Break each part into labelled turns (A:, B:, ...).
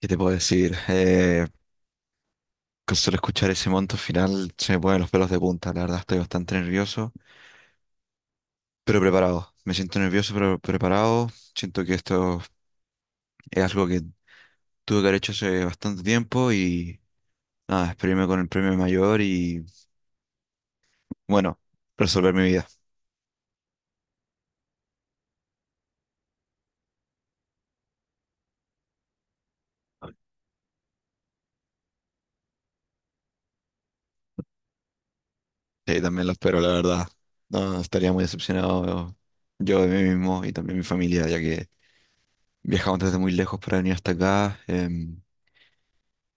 A: ¿Qué te puedo decir? Con solo escuchar ese monto final se me ponen los pelos de punta. La verdad estoy bastante nervioso, pero preparado. Me siento nervioso, pero preparado. Siento que esto es algo que tuve que haber hecho hace bastante tiempo y nada, espero irme con el premio mayor y bueno, resolver mi vida. Sí, también lo espero, la verdad. No, estaría muy decepcionado yo de mí mismo y también mi familia, ya que viajamos desde muy lejos para venir hasta acá. Em,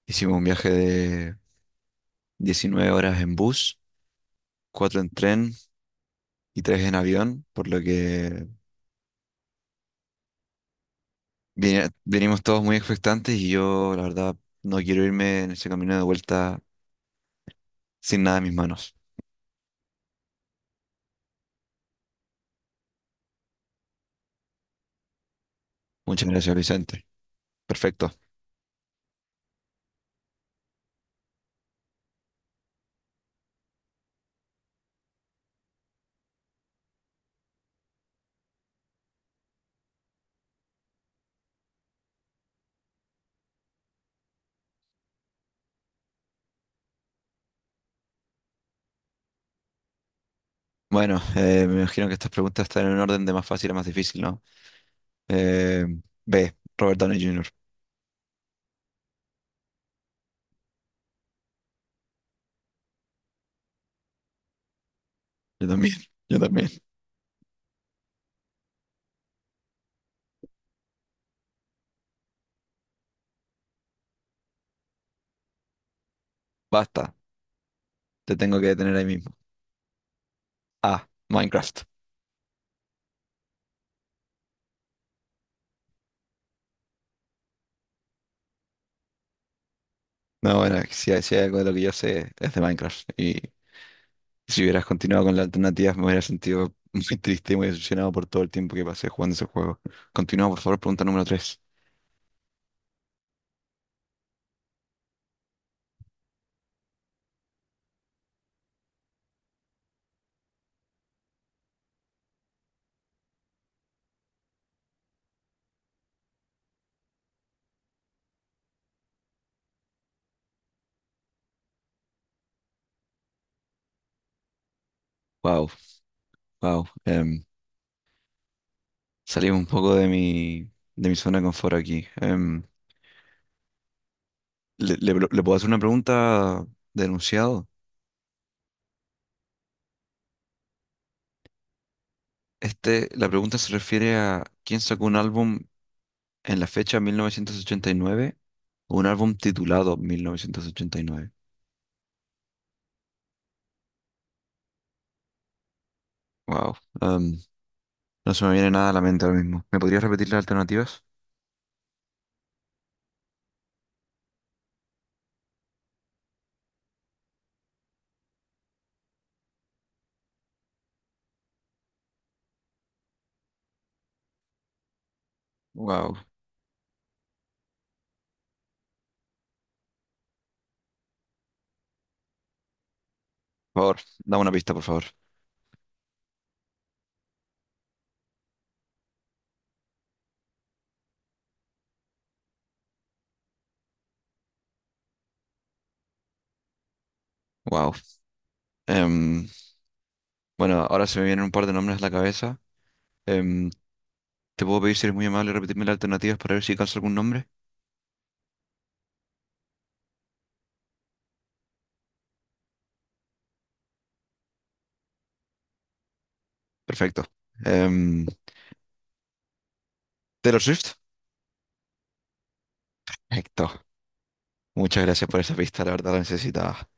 A: hicimos un viaje de 19 horas en bus, cuatro en tren y tres en avión, por lo que venimos todos muy expectantes y yo, la verdad, no quiero irme en ese camino de vuelta sin nada en mis manos. Muchas gracias, Vicente. Perfecto. Bueno, me imagino que estas preguntas están en un orden de más fácil a más difícil, ¿no? Eh, B, Robert Downey Jr. Yo también, yo también. Basta, te tengo que detener ahí mismo. A, Minecraft. No, bueno, si hay algo de lo que yo sé es de Minecraft y si hubieras continuado con la alternativa, me hubiera sentido muy triste y muy decepcionado por todo el tiempo que pasé jugando ese juego. Continúa, por favor, pregunta número tres. Wow, wow. Salimos un poco de mi zona de confort aquí. ¿Le puedo hacer una pregunta denunciado? Este, la pregunta se refiere a quién sacó un álbum en la fecha 1989 o un álbum titulado 1989. Wow. em, no se me viene nada a la mente ahora mismo. ¿Me podrías repetir las alternativas? Wow. Por favor, dame una pista, por favor. Wow. Em, bueno, ahora se me vienen un par de nombres a la cabeza. Em, ¿te puedo pedir si eres muy amable repetirme las alternativas para ver si alcanzo algún nombre? Perfecto. Em, Taylor Swift. Perfecto. Muchas gracias por esa pista, la verdad la necesitaba.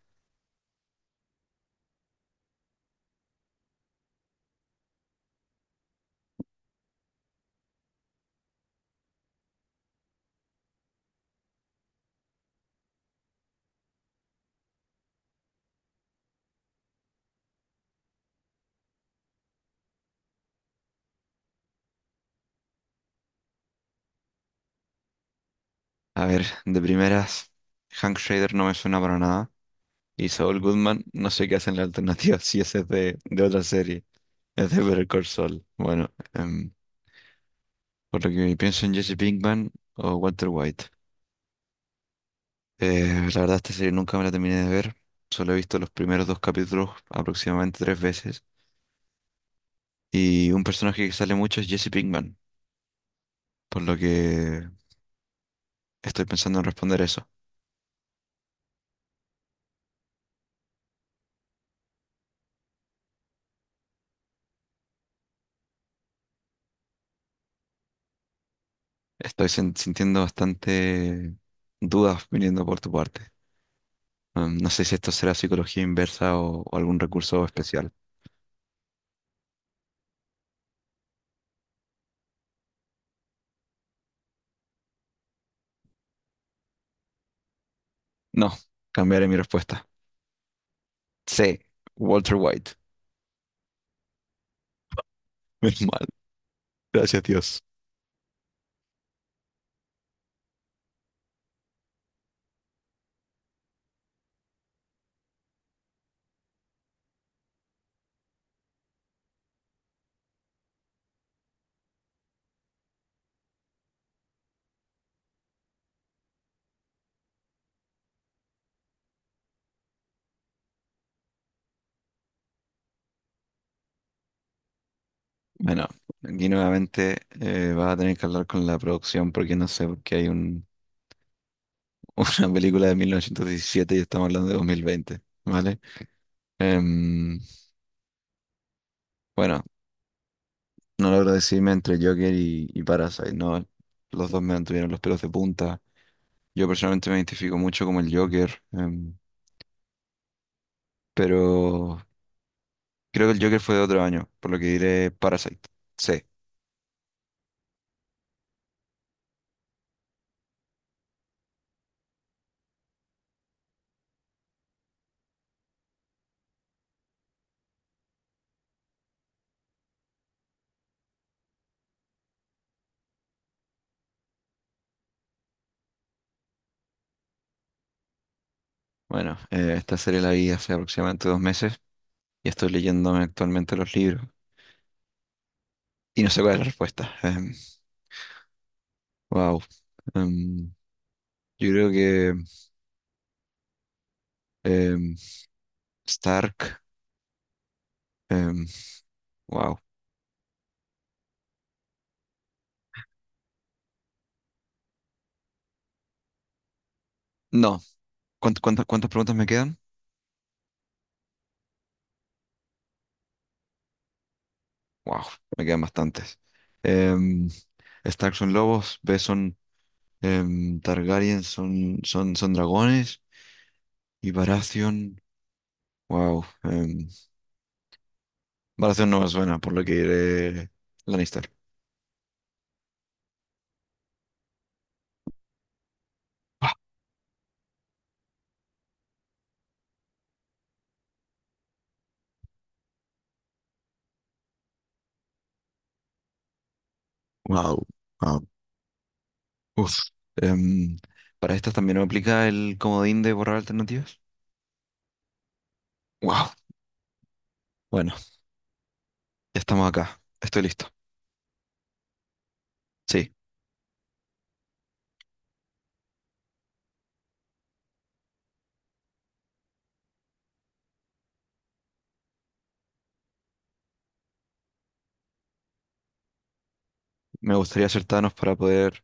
A: A ver, de primeras, Hank Schrader no me suena para nada. Y Saul Goodman, no sé qué hacen la alternativa si ese es de otra serie. Es de Better Call Saul. Bueno, por lo que pienso en Jesse Pinkman o Walter White. La verdad, esta serie nunca me la terminé de ver. Solo he visto los primeros dos capítulos aproximadamente tres veces. Y un personaje que sale mucho es Jesse Pinkman, por lo que estoy pensando en responder eso. Estoy sintiendo bastante dudas viniendo por tu parte. No sé si esto será psicología inversa o algún recurso especial. No, cambiaré mi respuesta. C. Walter White. Menos mal. Gracias, Dios. Bueno, aquí nuevamente vas a tener que hablar con la producción porque no sé por qué hay un una película de 1917 y estamos hablando de 2020, ¿vale? Em, bueno, no logro decidirme entre Joker y Parasite, ¿no? Los dos me mantuvieron los pelos de punta. Yo personalmente me identifico mucho como el Joker, pero creo que el Joker fue de otro año, por lo que diré Parasite. Sí. Bueno, esta serie la vi hace aproximadamente 2 meses y estoy leyéndome actualmente los libros y no sé cuál es la respuesta. Wow. Em, yo creo que em, Stark. Em, wow. No. ¿Cuántas preguntas me quedan? Wow, me quedan bastantes. Em, Stark son lobos, B son Targaryen, son dragones y Baratheon. Wow. Baratheon no me suena, por lo que iré Lannister. Wow, wow. Uf. Em, para estas también aplica el comodín de borrar alternativas. Wow. Bueno, ya estamos acá. Estoy listo. Sí, me gustaría acertarnos para poder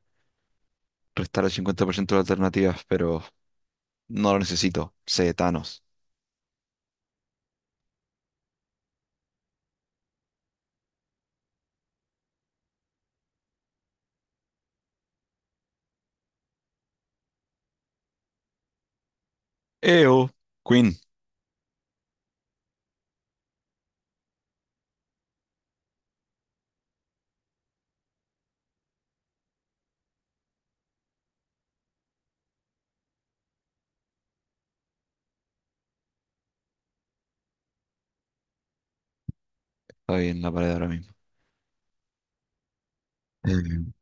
A: restar el 50% de alternativas, pero no lo necesito. Sé Thanos. Eo. Queen. Está ahí en la pared ahora mismo. Em,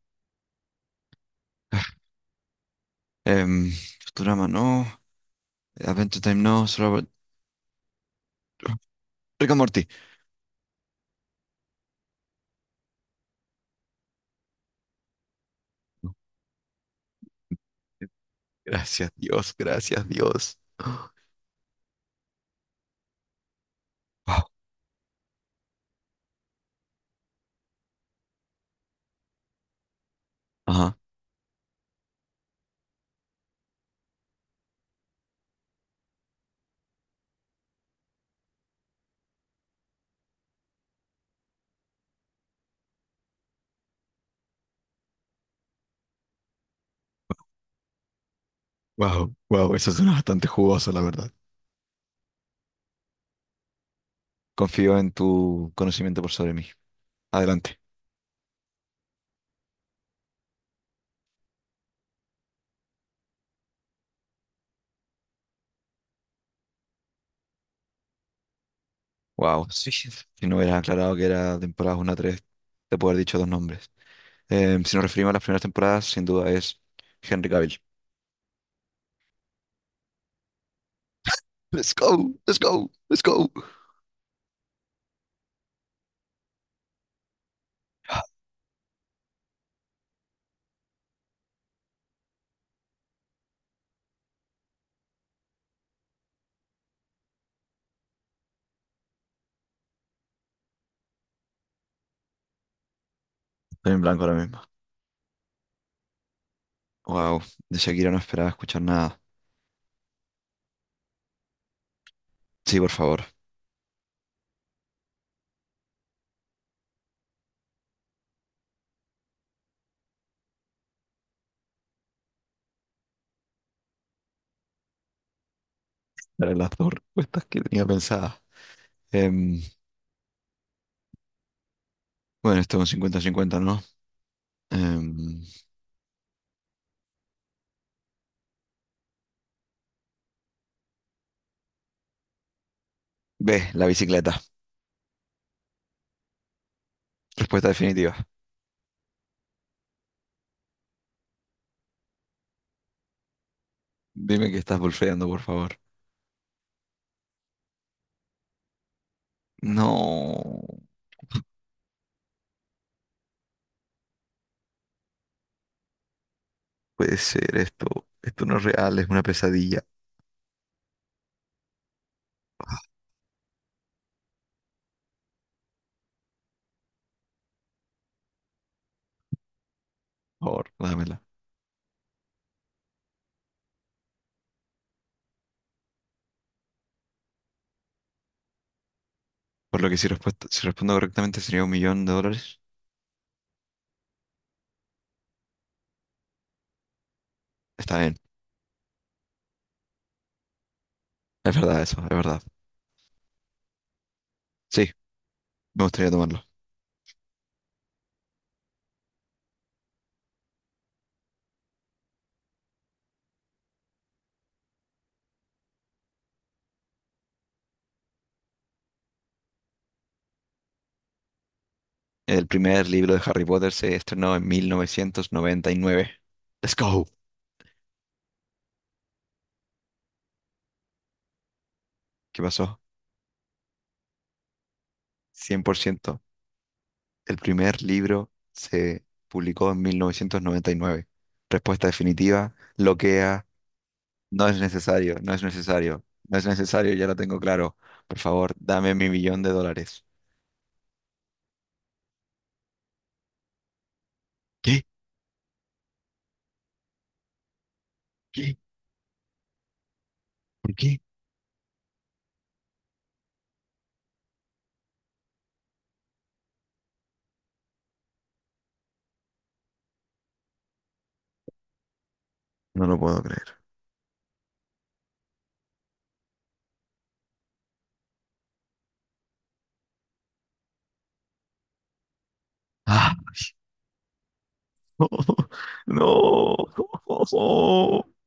A: em, Futurama, no. Adventure Time, no. Rick and Morty. Gracias Dios, gracias Dios. Wow. Ajá. Wow, wow, eso suena bastante jugoso, la verdad. Confío en tu conocimiento por sobre mí. Adelante. Wow. Sí, si no hubieras aclarado que era temporadas 1 a 3, te puedo haber dicho dos nombres. Si nos referimos a las primeras temporadas, sin duda es Henry Cavill. Let's go, let's go, let's go. Estoy en blanco ahora mismo. Wow, de Shakira no esperaba escuchar nada. Sí, por favor, eran las dos respuestas que tenía pensadas. Em, bueno, esto es un 50-50, ¿no? Em, B, la bicicleta. Respuesta definitiva. Dime que estás bolfeando, por favor. No puede ser esto. Esto no es real, es una pesadilla. Por favor, dámela. Por lo que si respondo correctamente sería un millón de dólares. Está bien. Es verdad eso, es verdad. Sí, me gustaría tomarlo. El primer libro de Harry Potter se estrenó en 1999. Let's go. ¿Qué pasó? 100%. El primer libro se publicó en 1999. Respuesta definitiva, loquea, no es necesario, no es necesario, no es necesario, ya lo tengo claro. Por favor, dame mi millón de dólares. ¿Qué? ¿Qué? ¿Por qué? No lo puedo creer. Ah, no.